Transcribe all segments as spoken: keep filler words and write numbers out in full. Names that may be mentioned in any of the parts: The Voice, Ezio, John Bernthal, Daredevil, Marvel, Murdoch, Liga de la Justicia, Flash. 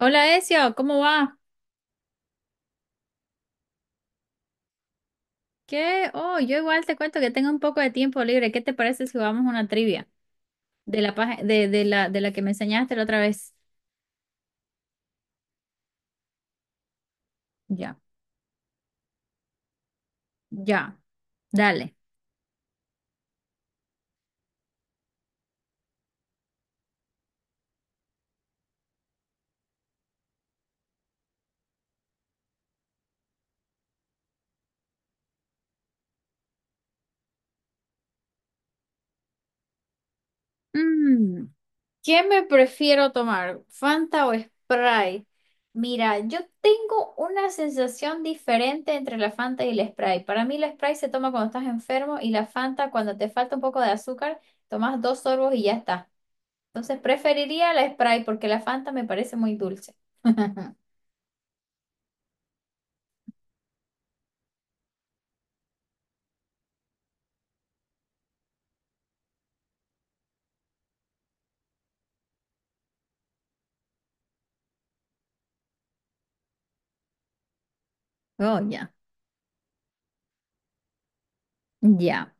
Hola Ezio, ¿cómo va? ¿Qué? Oh, yo igual te cuento que tengo un poco de tiempo libre. ¿Qué te parece si jugamos una trivia de la paja- de, de la de la que me enseñaste la otra vez? Ya, ya, dale. Mm, ¿qué me prefiero tomar? ¿Fanta o Sprite? Mira, yo tengo una sensación diferente entre la Fanta y el Sprite. Para mí la Sprite se toma cuando estás enfermo y la Fanta cuando te falta un poco de azúcar, tomas dos sorbos y ya está. Entonces preferiría la Sprite porque la Fanta me parece muy dulce. Oh, ya, ya.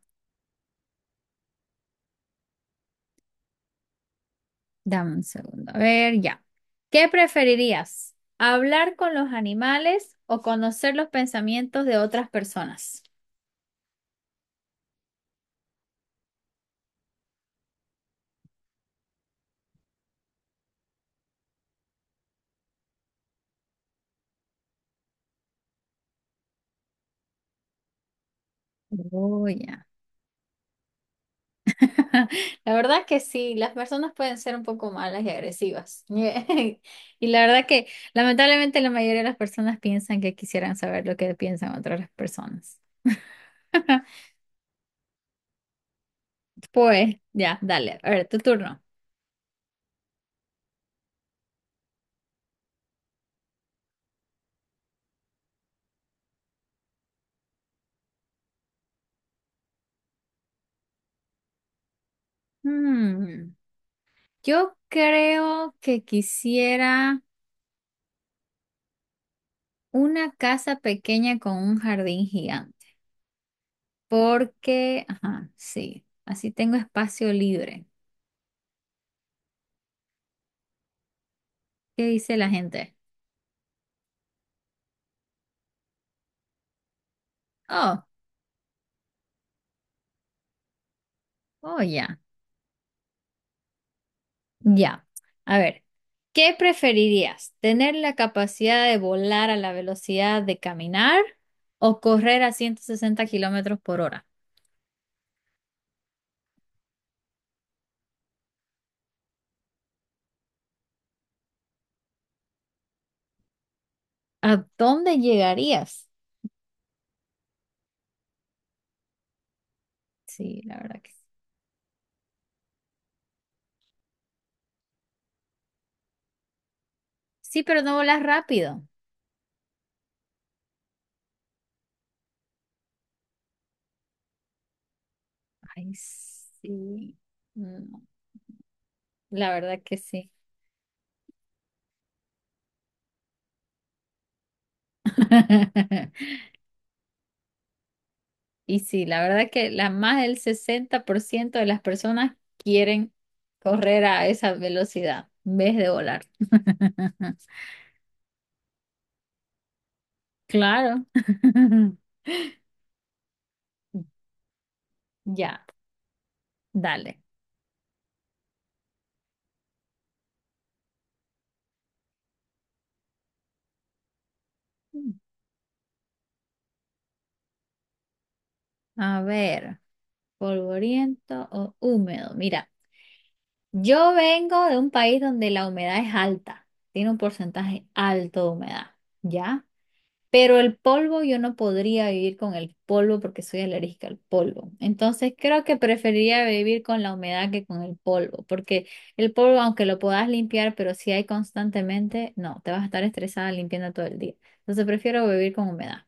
Dame un segundo. A ver, ya. ¿Qué preferirías? ¿Hablar con los animales o conocer los pensamientos de otras personas? Oh, ya. La verdad que sí, las personas pueden ser un poco malas y agresivas. Y la verdad que lamentablemente la mayoría de las personas piensan que quisieran saber lo que piensan otras personas. Pues, ya, dale. A ver, tu turno. Hmm, yo creo que quisiera una casa pequeña con un jardín gigante, porque, ajá, sí, así tengo espacio libre. ¿Qué dice la gente? Oh, oh, ya, ya. A ver, ¿qué preferirías? ¿Tener la capacidad de volar a la velocidad de caminar o correr a ciento sesenta kilómetros por hora? ¿A dónde llegarías? Sí, la verdad que sí. Sí, pero no volas rápido. Ay, sí. Mm, la verdad que sí. Y sí, la verdad que la, más del sesenta por ciento de las personas quieren correr a esa velocidad en vez de volar. Claro. Ya, dale. A ver, polvoriento o húmedo. Mira, yo vengo de un país donde la humedad es alta, tiene un porcentaje alto de humedad, ¿ya? Pero el polvo, yo no podría vivir con el polvo porque soy alérgica al polvo. Entonces creo que preferiría vivir con la humedad que con el polvo, porque el polvo, aunque lo puedas limpiar, pero si hay constantemente, no, te vas a estar estresada limpiando todo el día. Entonces prefiero vivir con humedad.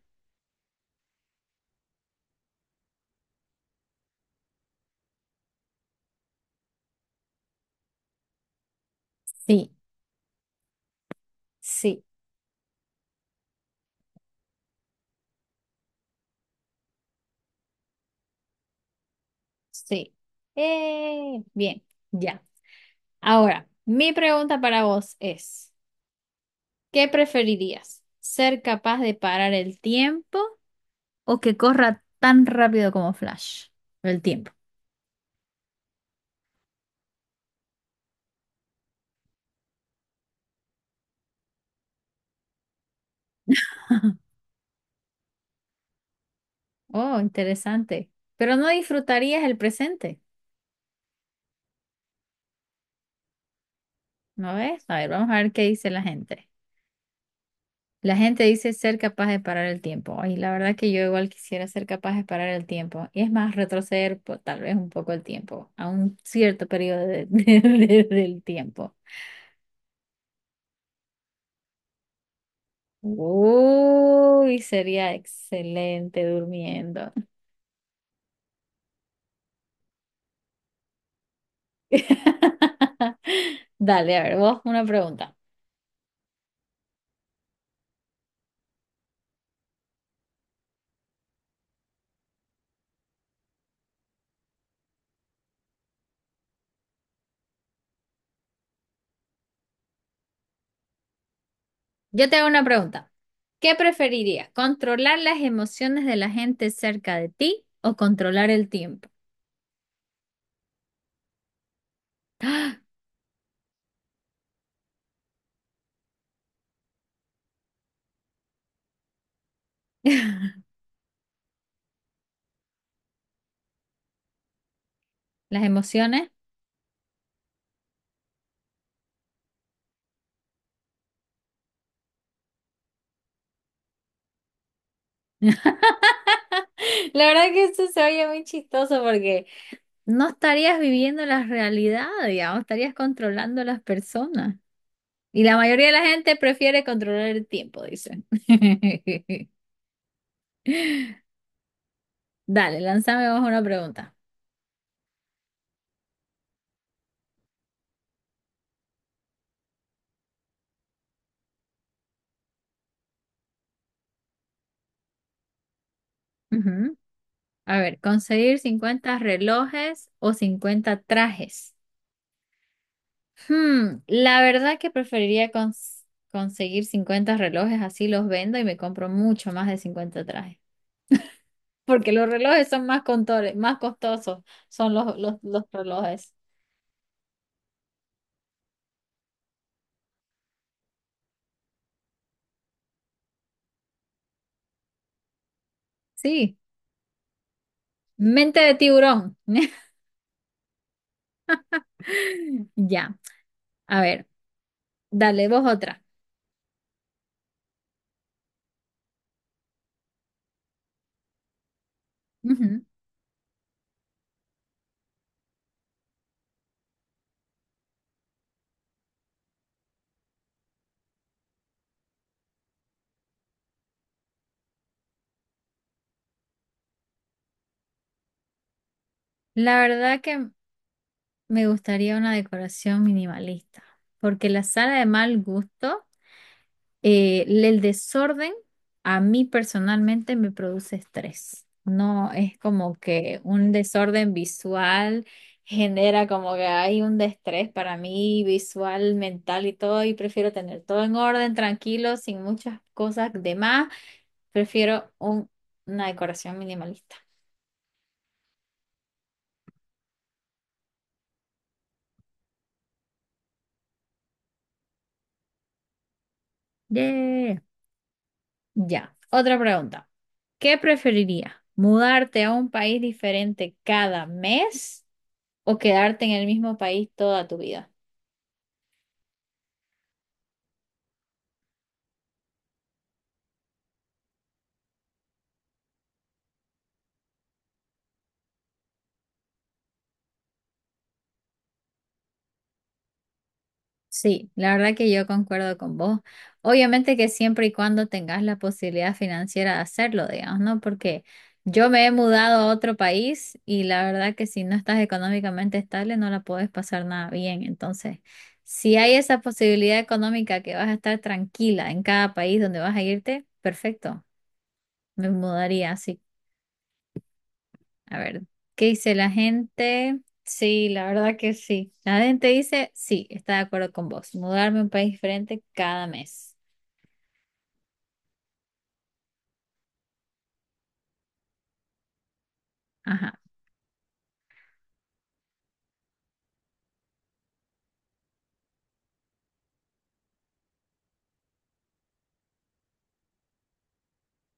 Sí, sí, sí. Eh, bien, ya. Ahora, mi pregunta para vos es, ¿qué preferirías? ¿Ser capaz de parar el tiempo o que corra tan rápido como Flash, el tiempo? Oh, interesante. Pero no disfrutarías el presente, ¿no ves? A ver, vamos a ver qué dice la gente. La gente dice ser capaz de parar el tiempo. Ay, la verdad que yo igual quisiera ser capaz de parar el tiempo. Y es más, retroceder po- tal vez un poco el tiempo, a un cierto periodo de- de- de- del tiempo. Uy, sería excelente durmiendo. Dale, a ver, vos una pregunta. Yo te hago una pregunta. ¿Qué preferirías? ¿Controlar las emociones de la gente cerca de ti o controlar el tiempo? Las emociones. La verdad que eso se oye muy chistoso porque no estarías viviendo la realidad, digamos, estarías controlando a las personas. Y la mayoría de la gente prefiere controlar el tiempo, dicen. Dale, lánzame vos una pregunta. Ujú. A ver, ¿conseguir cincuenta relojes o cincuenta trajes? Hmm, la verdad que preferiría cons- conseguir cincuenta relojes, así los vendo y me compro mucho más de cincuenta trajes. Porque los relojes son más contores, más costosos, son los, los, los relojes. Sí, mente de tiburón. Ya, a ver, dale vos otra. Ujú. La verdad que me gustaría una decoración minimalista, porque la sala de mal gusto. Eh, el desorden a mí personalmente me produce estrés. No es como que un desorden visual genera como que hay un estrés para mí visual, mental y todo, y prefiero tener todo en orden, tranquilo, sin muchas cosas de más. Prefiero un- una decoración minimalista. Yeah. Ya, otra pregunta. ¿Qué preferirías? ¿Mudarte a un país diferente cada mes o quedarte en el mismo país toda tu vida? Sí, la verdad que yo concuerdo con vos. Obviamente que siempre y cuando tengas la posibilidad financiera de hacerlo, digamos, ¿no? Porque yo me he mudado a otro país y la verdad que si no estás económicamente estable no la puedes pasar nada bien. Entonces, si hay esa posibilidad económica que vas a estar tranquila en cada país donde vas a irte, perfecto. Me mudaría así. A ver, ¿qué dice la gente? Sí, la verdad que sí. La gente dice, sí, está de acuerdo con vos. Mudarme a un país diferente cada mes. Ajá.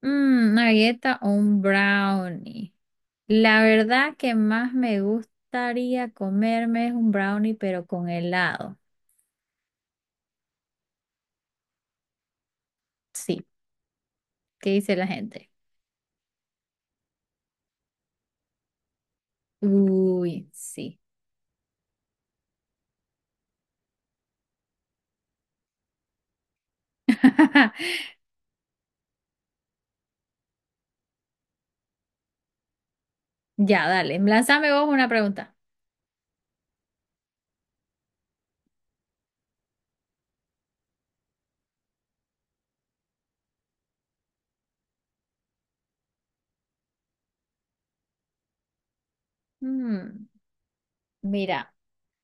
Mm, una galleta o un brownie. La verdad que más me gustaría comerme es un brownie, pero con helado. Sí. ¿Qué dice la gente? Uy, sí. Ya, dale. Lánzame vos una pregunta. Mm, mira.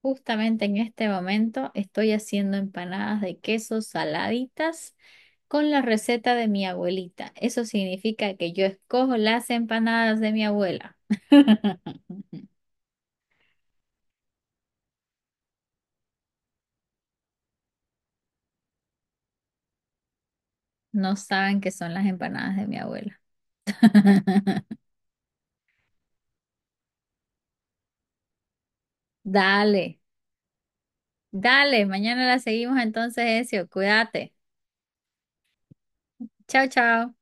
Justamente en este momento estoy haciendo empanadas de queso saladitas con la receta de mi abuelita. Eso significa que yo escojo las empanadas de mi abuela. No saben qué son las empanadas de mi abuela. Dale, dale, mañana la seguimos entonces, Ezio. Cuídate. Chao, chao.